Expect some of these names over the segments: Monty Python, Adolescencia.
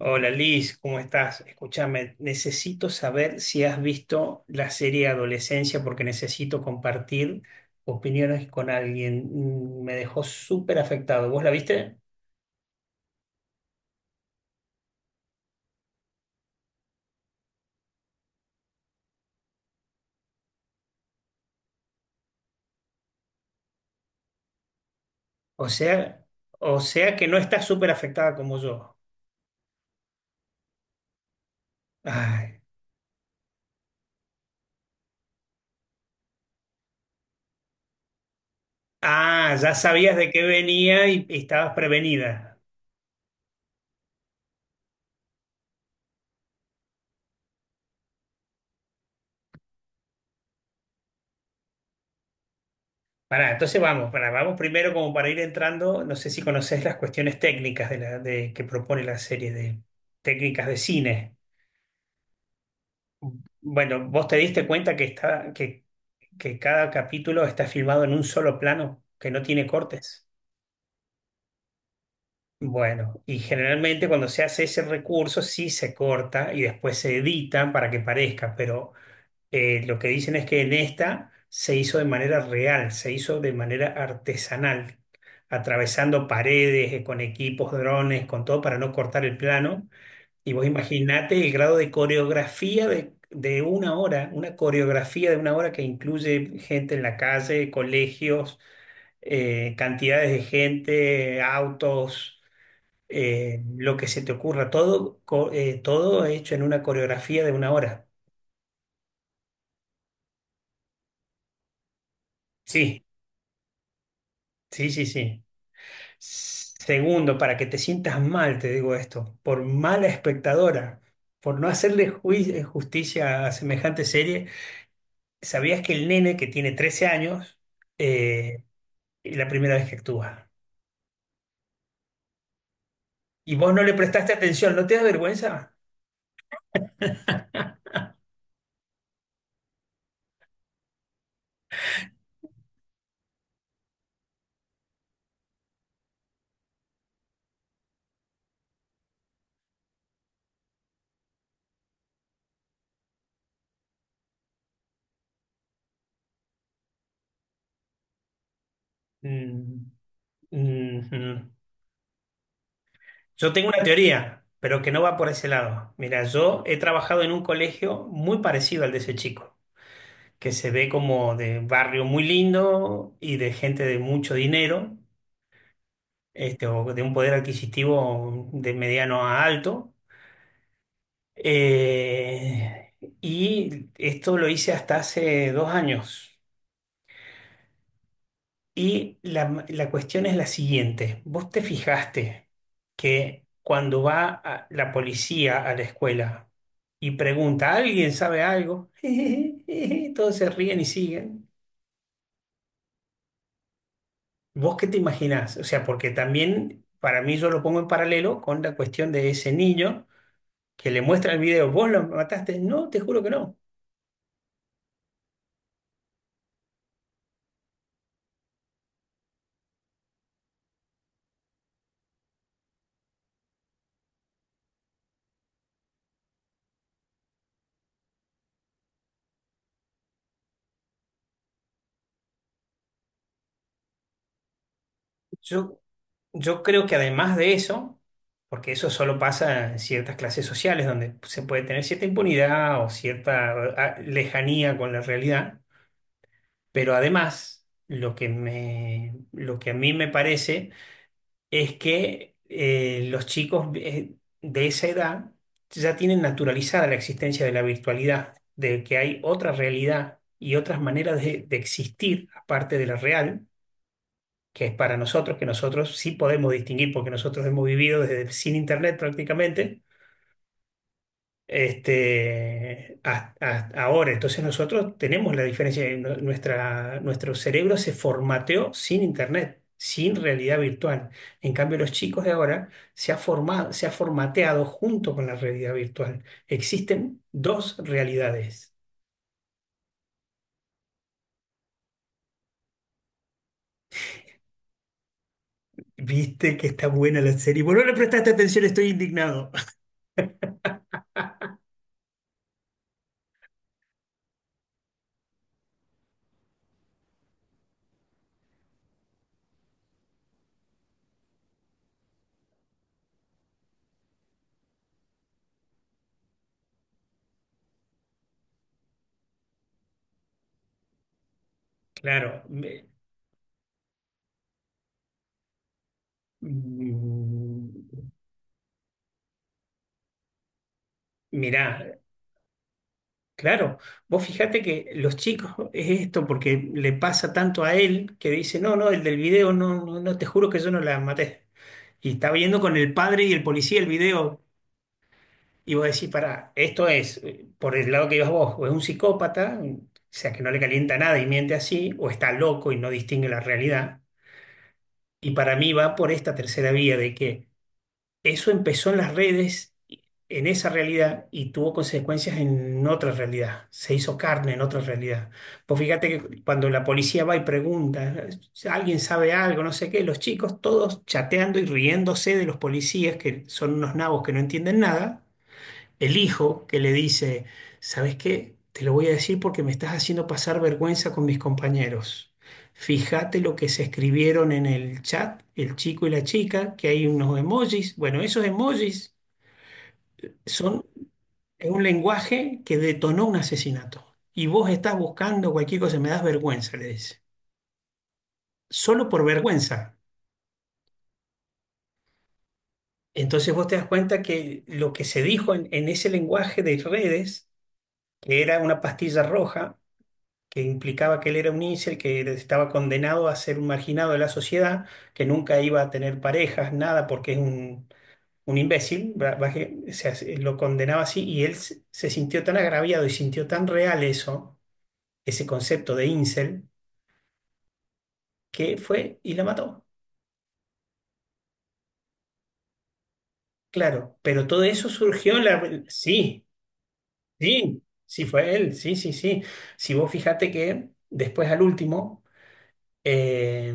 Hola Liz, ¿cómo estás? Escúchame, necesito saber si has visto la serie Adolescencia porque necesito compartir opiniones con alguien. Mm, me dejó súper afectado. ¿Vos la viste? O sea, o sea que no estás súper afectada como yo. Ay. Ah, ya sabías de qué venía y estabas prevenida. Pará, entonces vamos, pará, vamos primero como para ir entrando, no sé si conoces las cuestiones técnicas de la, de, que propone la serie de técnicas de cine. Bueno, ¿vos te diste cuenta que cada capítulo está filmado en un solo plano, que no tiene cortes? Bueno, y generalmente cuando se hace ese recurso sí se corta y después se edita para que parezca, pero lo que dicen es que en esta se hizo de manera real, se hizo de manera artesanal, atravesando paredes, con equipos, drones, con todo para no cortar el plano. Y vos imaginate el grado de coreografía de una hora, una coreografía de una hora que incluye gente en la calle, colegios, cantidades de gente, autos, lo que se te ocurra, todo, todo hecho en una coreografía de una hora. Sí, sí, sí, sí. Segundo, para que te sientas mal, te digo esto, por mala espectadora, por no hacerle justicia a semejante serie. ¿Sabías que el nene que tiene 13 años eh, es la primera vez que actúa? Y vos no le prestaste atención, ¿no te da vergüenza? Mm, mm, mm. Yo tengo una teoría, pero que no va por ese lado. Mira, yo he trabajado en un colegio muy parecido al de ese chico, que se ve como de barrio muy lindo y de gente de mucho dinero, este, o de un poder adquisitivo de mediano a alto. Eh, y esto lo hice hasta hace 2 años. Y la cuestión es la siguiente. ¿Vos te fijaste que cuando la policía a la escuela y pregunta, ¿alguien sabe algo? Todos se ríen y siguen. ¿Vos qué te imaginás? O sea, porque también para mí yo lo pongo en paralelo con la cuestión de ese niño que le muestra el video. ¿Vos lo mataste? No, te juro que no. Yo Yo creo que además de eso, porque eso solo pasa en ciertas clases sociales donde se puede tener cierta impunidad o cierta ah, lejanía con la realidad, pero además lo que a mí me parece es que los chicos de esa edad ya tienen naturalizada la existencia de la virtualidad, de que hay otra realidad y otras maneras de existir aparte de la real, que es para nosotros, que nosotros sí podemos distinguir porque nosotros hemos vivido desde sin internet prácticamente. Este, ahora, entonces nosotros tenemos la diferencia, nuestro cerebro se formateó sin internet, sin realidad virtual. En cambio, los chicos de ahora se ha formateado junto con la realidad virtual. Existen dos realidades. Viste que está buena la serie. Bueno, no le prestaste atención, estoy indignado. Claro, me- Mirá, claro, vos fijate que los chicos es esto porque le pasa tanto a él que dice, no, no, el del video, no, no, no, te juro que yo no la maté. Y está viendo con el padre y el policía el video y vos decís, pará, esto es, por el lado que ibas vos, o es un psicópata, o sea, que no le calienta nada y miente así, o está loco y no distingue la realidad. Y para mí va por esta tercera vía de que eso empezó en las redes, en esa realidad, y tuvo consecuencias en otra realidad. Se hizo carne en otra realidad. Pues fíjate que cuando la policía va y pregunta, "Si alguien sabe algo", no sé qué, los chicos todos chateando y riéndose de los policías, que son unos nabos que no entienden nada, el hijo que le dice, ¿sabes qué? Te lo voy a decir porque me estás haciendo pasar vergüenza con mis compañeros. Fíjate lo que se escribieron en el chat, el chico y la chica, que hay unos emojis. Bueno, esos emojis son un lenguaje que detonó un asesinato. Y vos estás buscando cualquier cosa, me das vergüenza, le dice. Solo por vergüenza. Entonces vos te das cuenta que lo que se dijo en ese lenguaje de redes, que era una pastilla roja, que implicaba que él era un incel, que estaba condenado a ser un marginado de la sociedad, que nunca iba a tener parejas, nada, porque es un imbécil, o sea, lo condenaba así, y él se sintió tan agraviado y sintió tan real eso, ese concepto de incel, que fue y la mató. Claro, pero todo eso surgió en la... Sí, sí, sí fue él, sí, sí, sí. Si vos fijate que después al último Eh,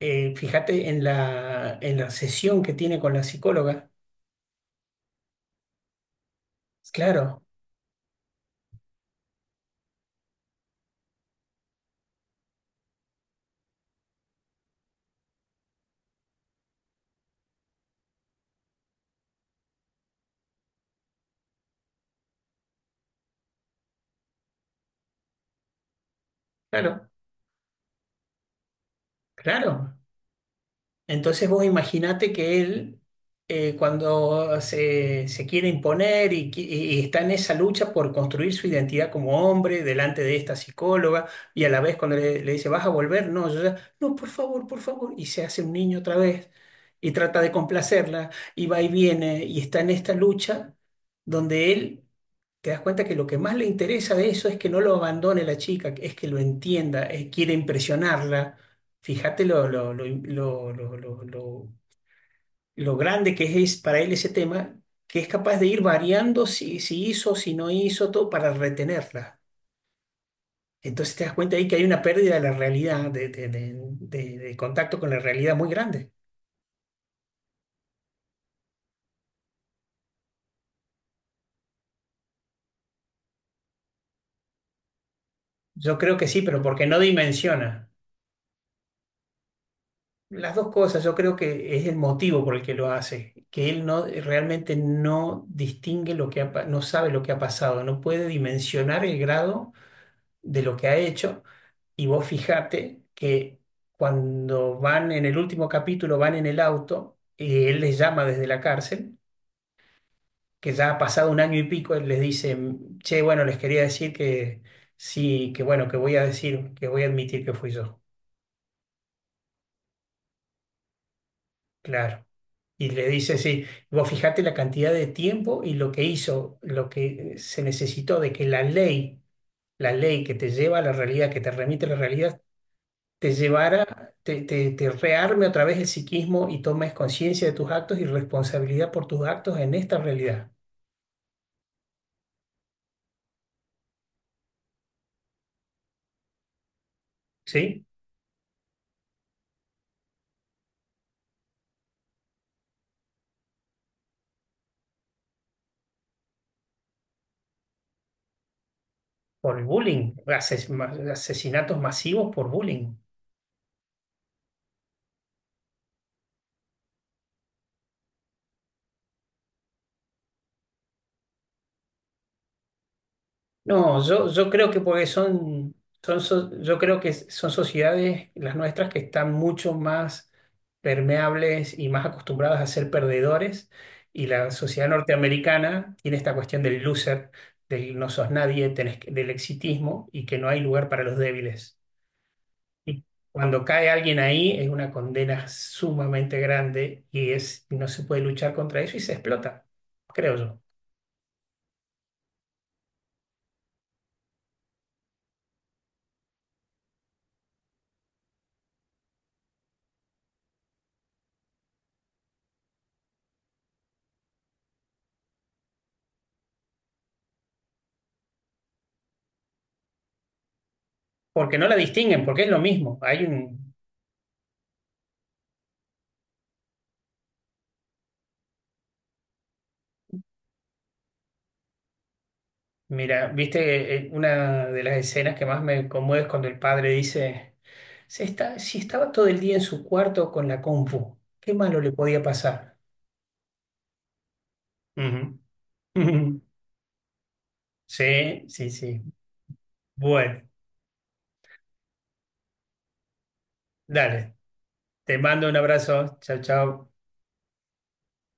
fíjate en en la sesión que tiene con la psicóloga. Claro, claro, claro. Entonces vos imaginate que él, cuando se quiere imponer y y está en esa lucha por construir su identidad como hombre delante de esta psicóloga, y a la vez cuando le dice, ¿vas a volver? No, yo ya, no, por favor, por favor. Y se hace un niño otra vez y trata de complacerla y va y viene y está en esta lucha donde él te das cuenta que lo que más le interesa de eso es que no lo abandone la chica, es que lo entienda, quiere impresionarla. Fíjate lo grande que es para él ese tema, que es capaz de ir variando si, si hizo, si no hizo, todo para retenerla. Entonces te das cuenta ahí que hay una pérdida de la realidad, de contacto con la realidad muy grande. Yo creo que sí, pero porque no dimensiona. Las dos cosas, yo creo que es el motivo por el que lo hace, que él no realmente no distingue lo que ha no sabe lo que ha pasado, no puede dimensionar el grado de lo que ha hecho. Y vos fijate que cuando van en el último capítulo, van en el auto, y él les llama desde la cárcel, que ya ha pasado 1 año y pico, él les dice, che, bueno, les quería decir que sí, que bueno, que voy a decir, que voy a admitir que fui yo. Claro. Y le dice, sí, vos fijate la cantidad de tiempo y lo que hizo, lo que se necesitó de que la ley que te lleva a la realidad, que te remite a la realidad, te llevara, te rearme otra vez el psiquismo y tomes conciencia de tus actos y responsabilidad por tus actos en esta realidad, ¿sí? Por el bullying, asesinatos masivos por bullying. No, yo creo que porque son, yo creo que son sociedades, las nuestras, que están mucho más permeables y más acostumbradas a ser perdedores. Y la sociedad norteamericana tiene esta cuestión del loser, del no sos nadie, del exitismo y que no hay lugar para los débiles. Y cuando cae alguien ahí es una condena sumamente grande y es, no se puede luchar contra eso y se explota, creo yo. Porque no la distinguen, porque es lo mismo. Hay un, mira, viste una de las escenas que más me conmueve es cuando el padre dice, "Se está, si estaba todo el día en su cuarto con la compu, ¿qué malo le podía pasar?" Ujú. Sí, sí, sí. Bueno, dale. Te mando un abrazo. Chao, chao.